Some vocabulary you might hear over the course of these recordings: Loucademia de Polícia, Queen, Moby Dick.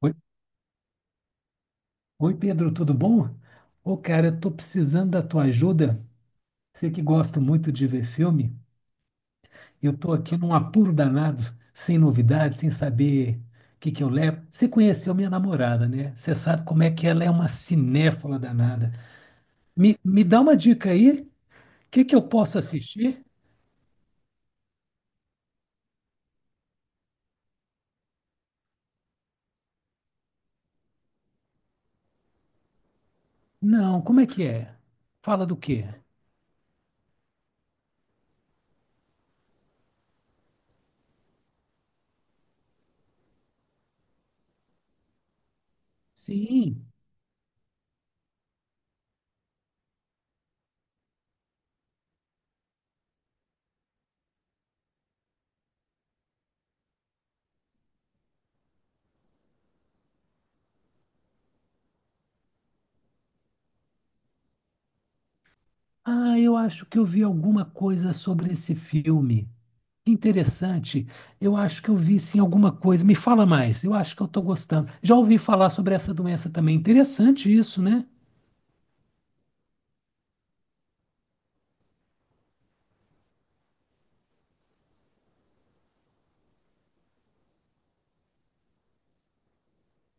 Oi, oi, Pedro, tudo bom? Ô, cara, eu tô precisando da tua ajuda. Você que gosta muito de ver filme, eu tô aqui num apuro danado, sem novidades, sem saber o que que eu levo. Você conheceu minha namorada, né? Você sabe como é que ela é uma cinéfala danada. Me dá uma dica aí, o que que eu posso assistir? Não, como é que é? Fala do quê? Sim. Ah, eu acho que eu vi alguma coisa sobre esse filme. Interessante. Eu acho que eu vi sim alguma coisa. Me fala mais. Eu acho que eu estou gostando. Já ouvi falar sobre essa doença também. Interessante isso, né?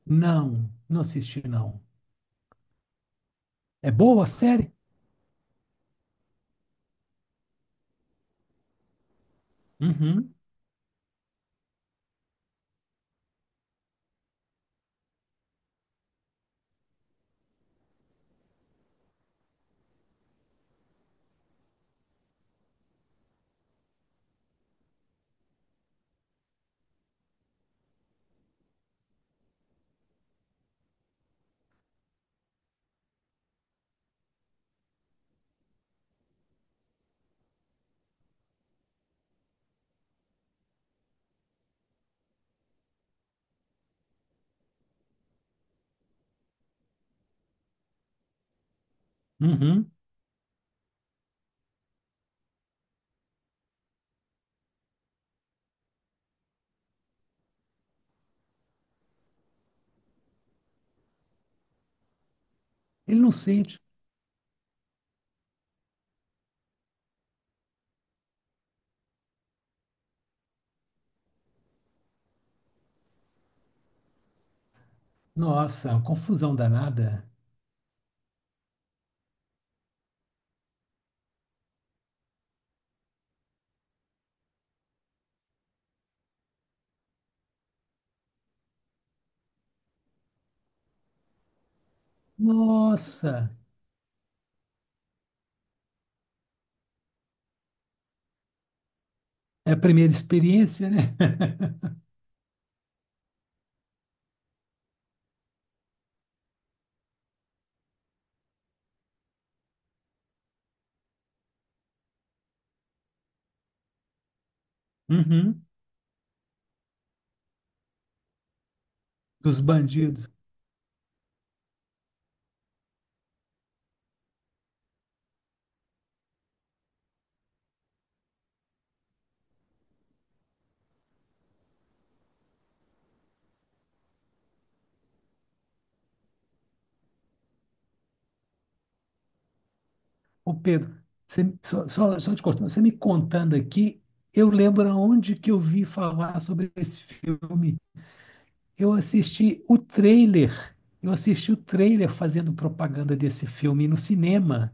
Não, não assisti, não. É boa a série? Uhum, uhum. Ele não sente. Nossa, uma confusão danada. Nossa, é a primeira experiência, né? Uhum. Dos bandidos. Ô Pedro, só te cortando, você me contando aqui, eu lembro aonde que eu vi falar sobre esse filme. Eu assisti o trailer. Eu assisti o trailer fazendo propaganda desse filme no cinema.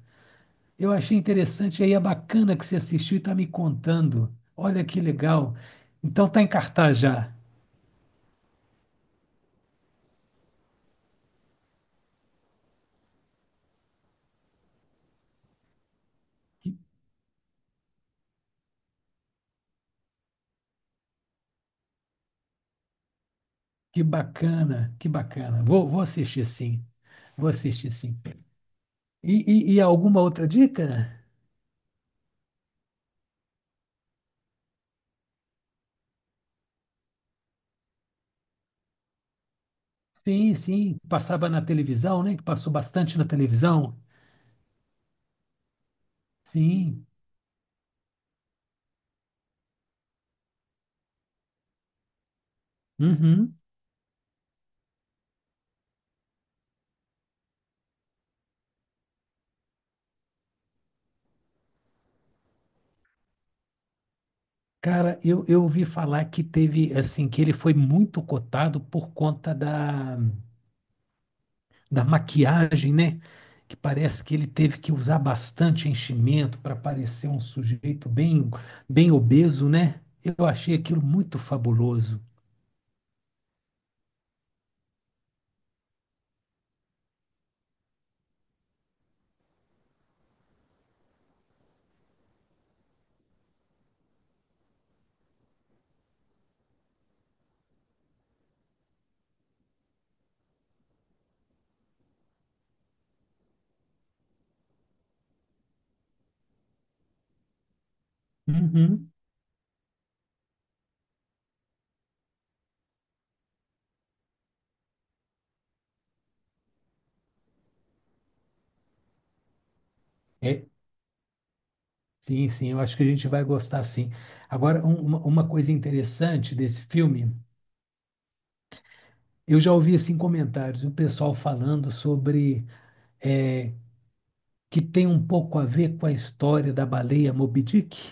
Eu achei interessante, aí é bacana que você assistiu e está me contando. Olha que legal. Então tá em cartaz já. Que, que bacana, que bacana. Vou assistir sim. Vou assistir sim. E alguma outra dica? Sim, sim. Passava na televisão, né? Que passou bastante na televisão. Sim. Uhum. Cara, eu ouvi falar que teve, assim, que ele foi muito cotado por conta da maquiagem, né? Que parece que ele teve que usar bastante enchimento para parecer um sujeito bem, bem obeso, né? Eu achei aquilo muito fabuloso. Uhum. É, sim, sim, eu acho que a gente vai gostar, sim. Agora, uma coisa interessante desse filme, eu já ouvi, assim, comentários, o pessoal falando sobre é, que tem um pouco a ver com a história da baleia Moby Dick?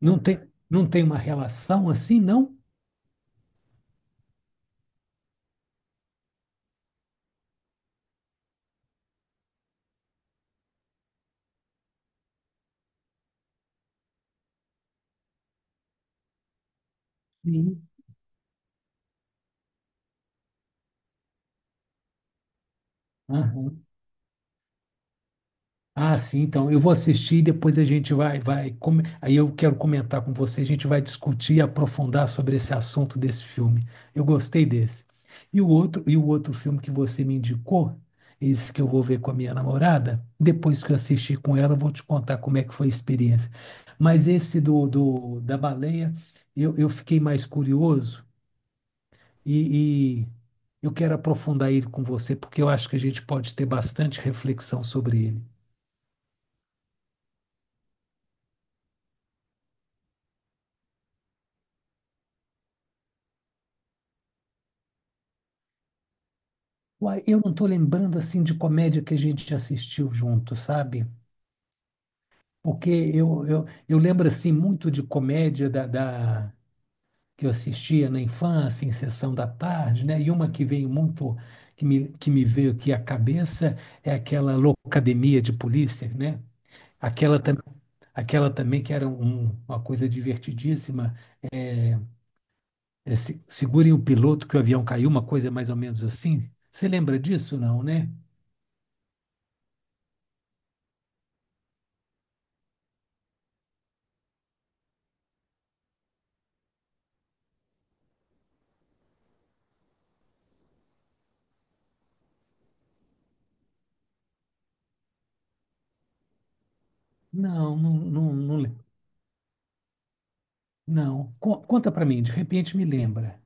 Não tem uma relação assim, não? Sim. Aham. Ah, sim, então eu vou assistir e depois a gente vai, aí eu quero comentar com você, a gente vai discutir e aprofundar sobre esse assunto desse filme. Eu gostei desse. E o outro filme que você me indicou, esse que eu vou ver com a minha namorada, depois que eu assistir com ela, eu vou te contar como é que foi a experiência. Mas esse do, do da baleia, eu fiquei mais curioso e eu quero aprofundar ele com você, porque eu acho que a gente pode ter bastante reflexão sobre ele. Uai, eu não estou lembrando assim de comédia que a gente assistiu junto, sabe? Porque eu lembro assim muito de comédia que eu assistia na infância, em sessão da tarde, né? E uma que veio muito, que me veio aqui à cabeça é aquela Loucademia de Polícia, né? Aquela, tam- aquela também que era uma coisa divertidíssima. É, é, segurem o piloto que o avião caiu, uma coisa mais ou menos assim. Você lembra disso, não, né? Não, não, não, não. Não. Conta pra mim, de repente me lembra.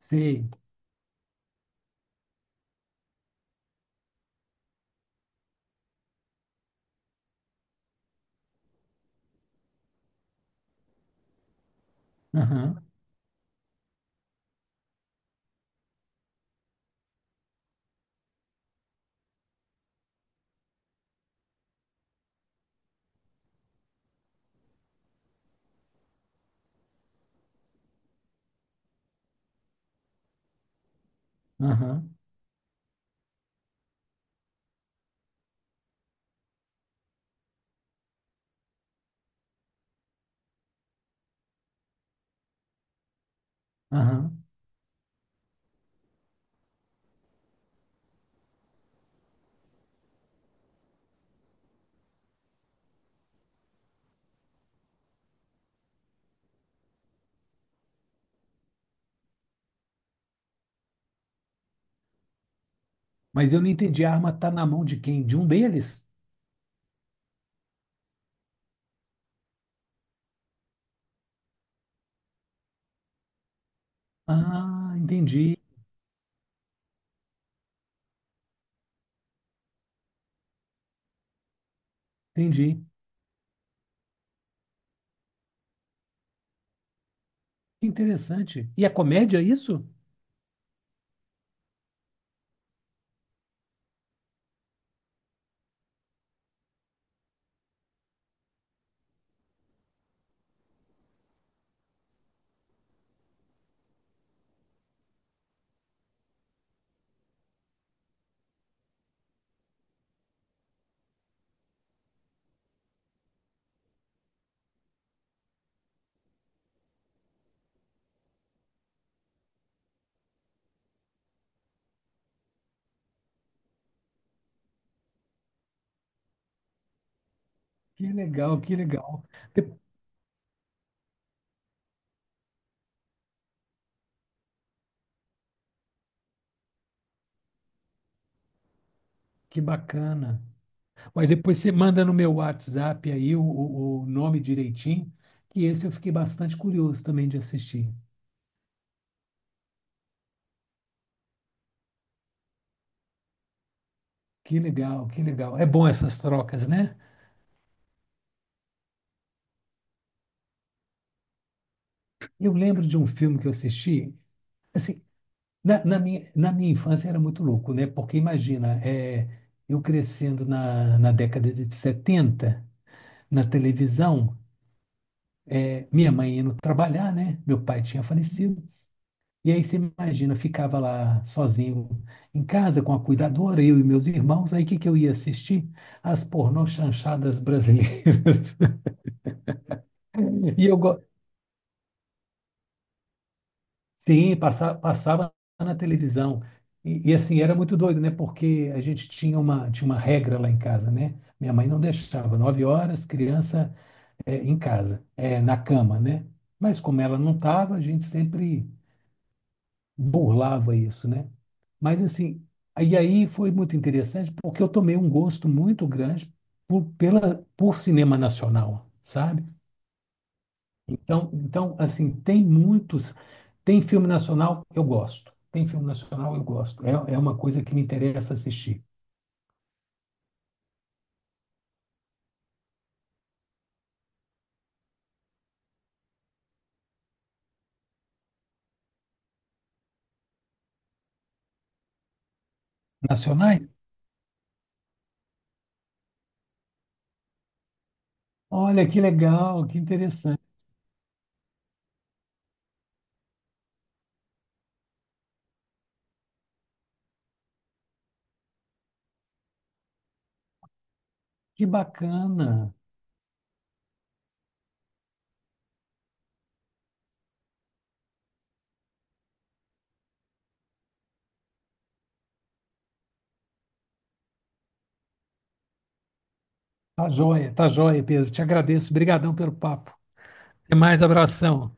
Sei. Aham, aham, aham. Mas eu não entendi, a arma tá na mão de quem? De um deles? Ah, entendi, entendi. Que interessante. E a comédia, é isso? Que legal, que legal. De- Que bacana. Mas depois você manda no meu WhatsApp aí o, o nome direitinho, que esse eu fiquei bastante curioso também de assistir. Que legal, que legal. É bom essas trocas, né? Eu lembro de um filme que eu assisti, assim, na minha infância era muito louco, né? Porque imagina, eu crescendo na década de 70 na televisão, minha mãe indo trabalhar, né? Meu pai tinha falecido. E aí você imagina, ficava lá sozinho em casa com a cuidadora, eu e meus irmãos. Aí o que que eu ia assistir? As pornô chanchadas brasileiras. E eu, go- Sim, passava na televisão. E, assim, era muito doido, né? Porque a gente tinha uma, regra lá em casa, né? Minha mãe não deixava, 9 horas, criança em casa, na cama, né? Mas como ela não estava, a gente sempre burlava isso, né? Mas assim, aí foi muito interessante porque eu tomei um gosto muito grande por cinema nacional, sabe? Então, assim, tem muitos. Tem filme nacional, eu gosto. Tem filme nacional, eu gosto. É, é uma coisa que me interessa assistir. Nacionais? Olha, que legal, que interessante, que bacana. Tá joia, Pedro. Te agradeço. Obrigadão pelo papo. Até mais, abração.